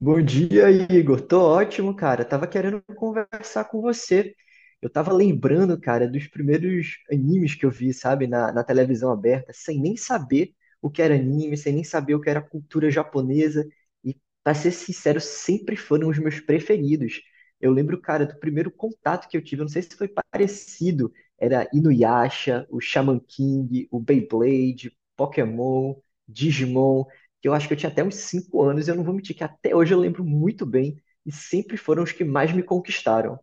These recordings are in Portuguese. Bom dia, Igor. Tô ótimo, cara. Tava querendo conversar com você. Eu tava lembrando, cara, dos primeiros animes que eu vi, sabe, na televisão aberta, sem nem saber o que era anime, sem nem saber o que era cultura japonesa. E, Pra ser sincero, sempre foram os meus preferidos. Eu lembro, cara, do primeiro contato que eu tive, eu não sei se foi parecido, era Inuyasha, o Shaman King, o Beyblade, Pokémon, Digimon que eu acho que eu tinha até uns 5 anos, e eu não vou mentir que até hoje eu lembro muito bem, e sempre foram os que mais me conquistaram.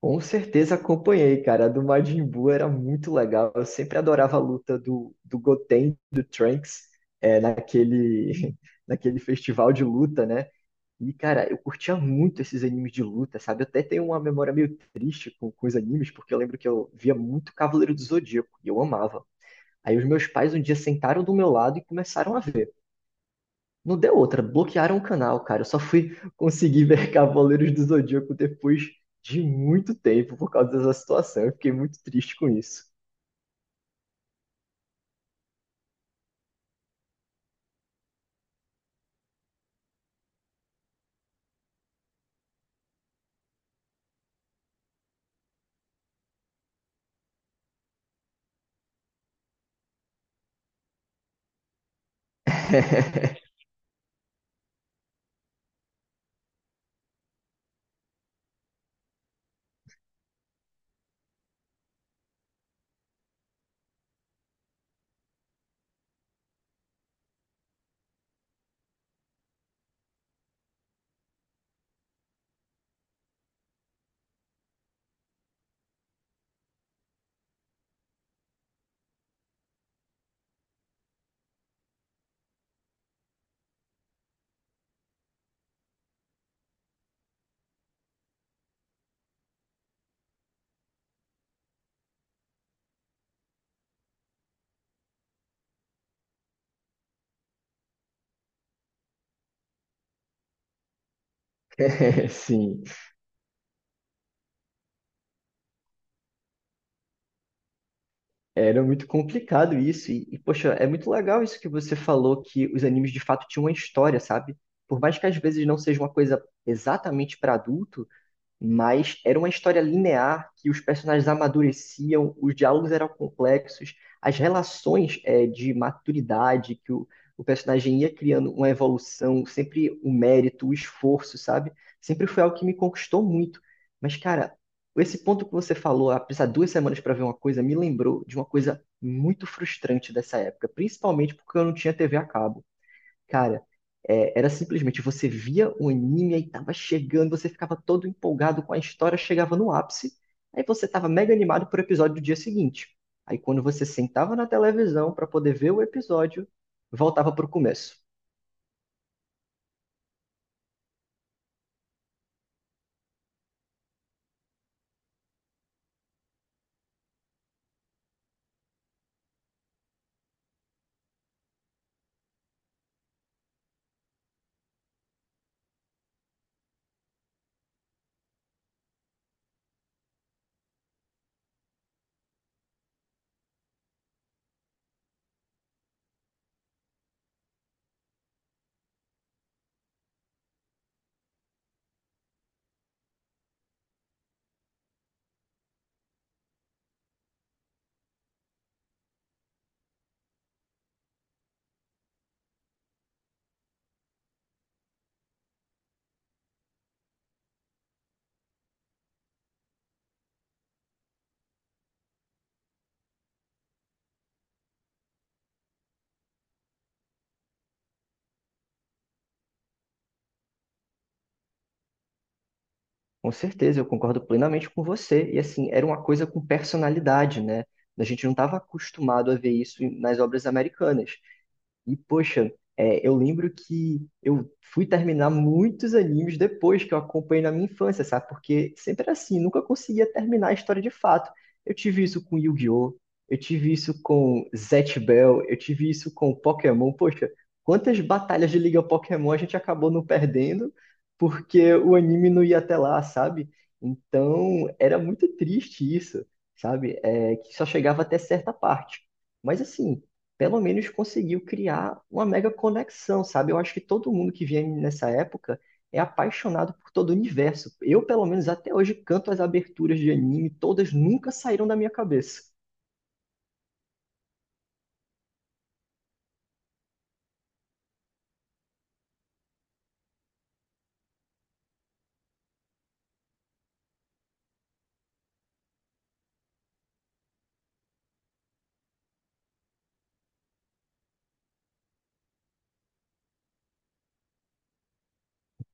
Com certeza acompanhei, cara. A do Majin Buu era muito legal. Eu sempre adorava a luta do Goten, do Trunks, naquele, naquele festival de luta, né? E, cara, eu curtia muito esses animes de luta, sabe? Eu até tenho uma memória meio triste com os animes, porque eu lembro que eu via muito Cavaleiro do Zodíaco, e eu amava. Aí os meus pais um dia sentaram do meu lado e começaram a ver. Não deu outra, bloquearam o canal, cara. Eu só fui conseguir ver Cavaleiros do Zodíaco depois de muito tempo por causa dessa situação. Eu fiquei muito triste com isso. Sim, era muito complicado isso. E, poxa, é muito legal isso que você falou, que os animes de fato tinham uma história, sabe? Por mais que às vezes não seja uma coisa exatamente para adulto, mas era uma história linear que os personagens amadureciam, os diálogos eram complexos, as relações de maturidade que o personagem ia criando uma evolução, sempre o mérito, o esforço, sabe? Sempre foi algo que me conquistou muito. Mas, cara, esse ponto que você falou, ah, precisar 2 semanas para ver uma coisa, me lembrou de uma coisa muito frustrante dessa época, principalmente porque eu não tinha TV a cabo. Cara, era simplesmente você via o anime, aí tava chegando, você ficava todo empolgado com a história, chegava no ápice, aí você tava mega animado pro episódio do dia seguinte. Aí quando você sentava na televisão para poder ver o episódio, voltava pro começo. Com certeza, eu concordo plenamente com você. E assim, era uma coisa com personalidade, né? A gente não estava acostumado a ver isso nas obras americanas. E, poxa, eu lembro que eu fui terminar muitos animes depois que eu acompanhei na minha infância, sabe? Porque sempre era assim, nunca conseguia terminar a história de fato. Eu tive isso com Yu-Gi-Oh! Eu tive isso com Zatch Bell, eu tive isso com Pokémon. Poxa, quantas batalhas de Liga Pokémon a gente acabou não perdendo porque o anime não ia até lá, sabe? Então, era muito triste isso, sabe? É, que só chegava até certa parte. Mas assim, pelo menos conseguiu criar uma mega conexão, sabe? Eu acho que todo mundo que vinha nessa época é apaixonado por todo o universo. Eu, pelo menos até hoje, canto as aberturas de anime, todas nunca saíram da minha cabeça.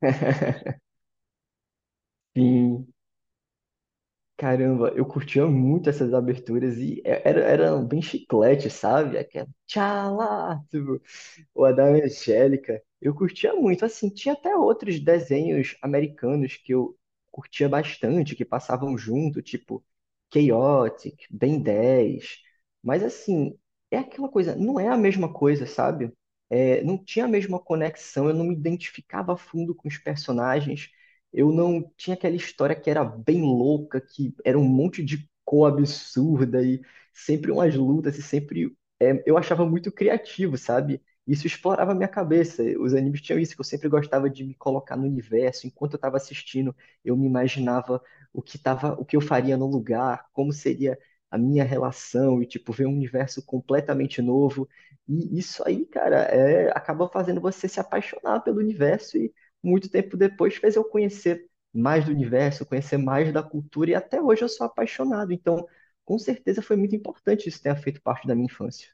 Sim, caramba, eu curtia muito essas aberturas e era bem chiclete, sabe? Aquela tchala, tipo, o a da Angélica, eu curtia muito. Assim, tinha até outros desenhos americanos que eu curtia bastante, que passavam junto, tipo Chaotic, Ben 10. Mas assim, é aquela coisa, não é a mesma coisa, sabe? É, não tinha a mesma conexão, eu não me identificava a fundo com os personagens. Eu não tinha aquela história que era bem louca, que era um monte de cor absurda e sempre umas lutas e sempre eu achava muito criativo, sabe? Isso explorava a minha cabeça. Os animes tinham isso, que eu sempre gostava de me colocar no universo. Enquanto eu estava assistindo, eu me imaginava o que tava, o que eu faria no lugar, como seria a minha relação, e tipo, ver um universo completamente novo. E isso aí, cara, acaba fazendo você se apaixonar pelo universo e muito tempo depois fez eu conhecer mais do universo, conhecer mais da cultura, e até hoje eu sou apaixonado. Então, com certeza foi muito importante isso ter feito parte da minha infância.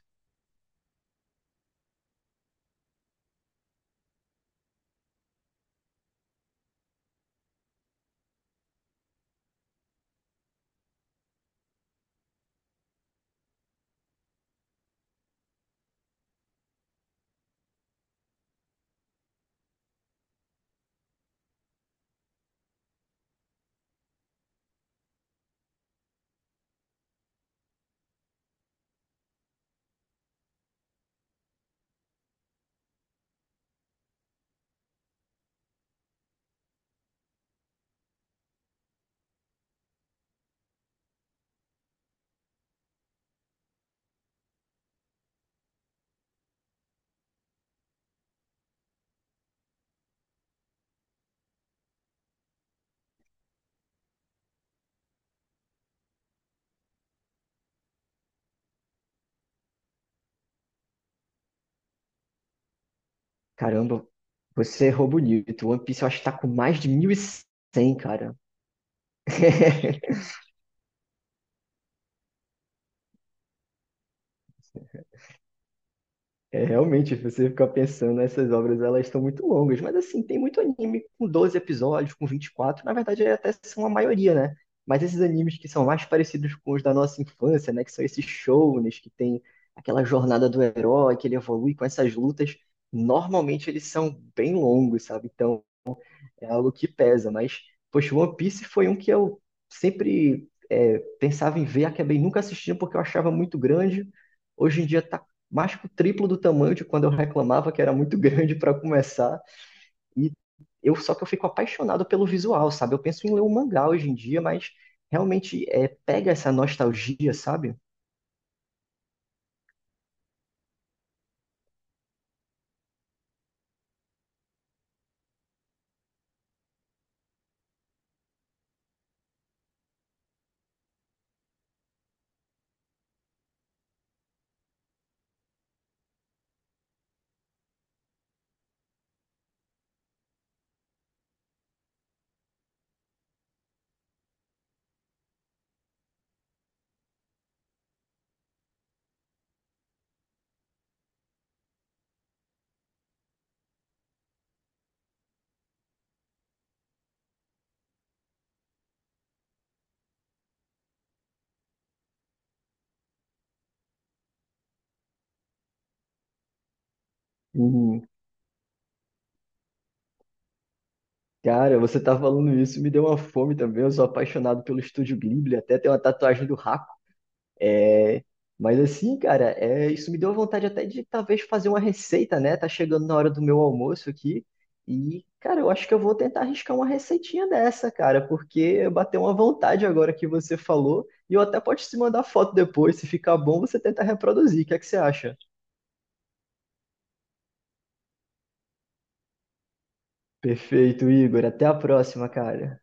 Caramba, você errou bonito. One Piece eu acho que tá com mais de 1.100, cara. É, realmente, se você ficar pensando, essas obras elas estão muito longas, mas assim, tem muito anime com 12 episódios, com 24, na verdade até são a maioria, né? Mas esses animes que são mais parecidos com os da nossa infância, né? Que são esses shonens, que tem aquela jornada do herói, que ele evolui com essas lutas, normalmente eles são bem longos, sabe? Então, é algo que pesa, mas, poxa, One Piece foi um que eu sempre pensava em ver, acabei nunca assistindo porque eu achava muito grande. Hoje em dia tá mais que o triplo do tamanho de quando eu reclamava que era muito grande para começar. E eu só que eu fico apaixonado pelo visual, sabe? Eu penso em ler um mangá hoje em dia, mas realmente pega essa nostalgia, sabe? Hum, cara, você tá falando isso, me deu uma fome também. Eu sou apaixonado pelo Estúdio Ghibli, até tem uma tatuagem do Hakuna. É, mas assim, cara, isso me deu vontade até de talvez fazer uma receita, né? Tá chegando na hora do meu almoço aqui. E, cara, eu acho que eu vou tentar arriscar uma receitinha dessa, cara, porque bateu uma vontade agora que você falou. E eu até posso te mandar foto depois. Se ficar bom, você tenta reproduzir. O que é que você acha? Perfeito, Igor. Até a próxima, cara.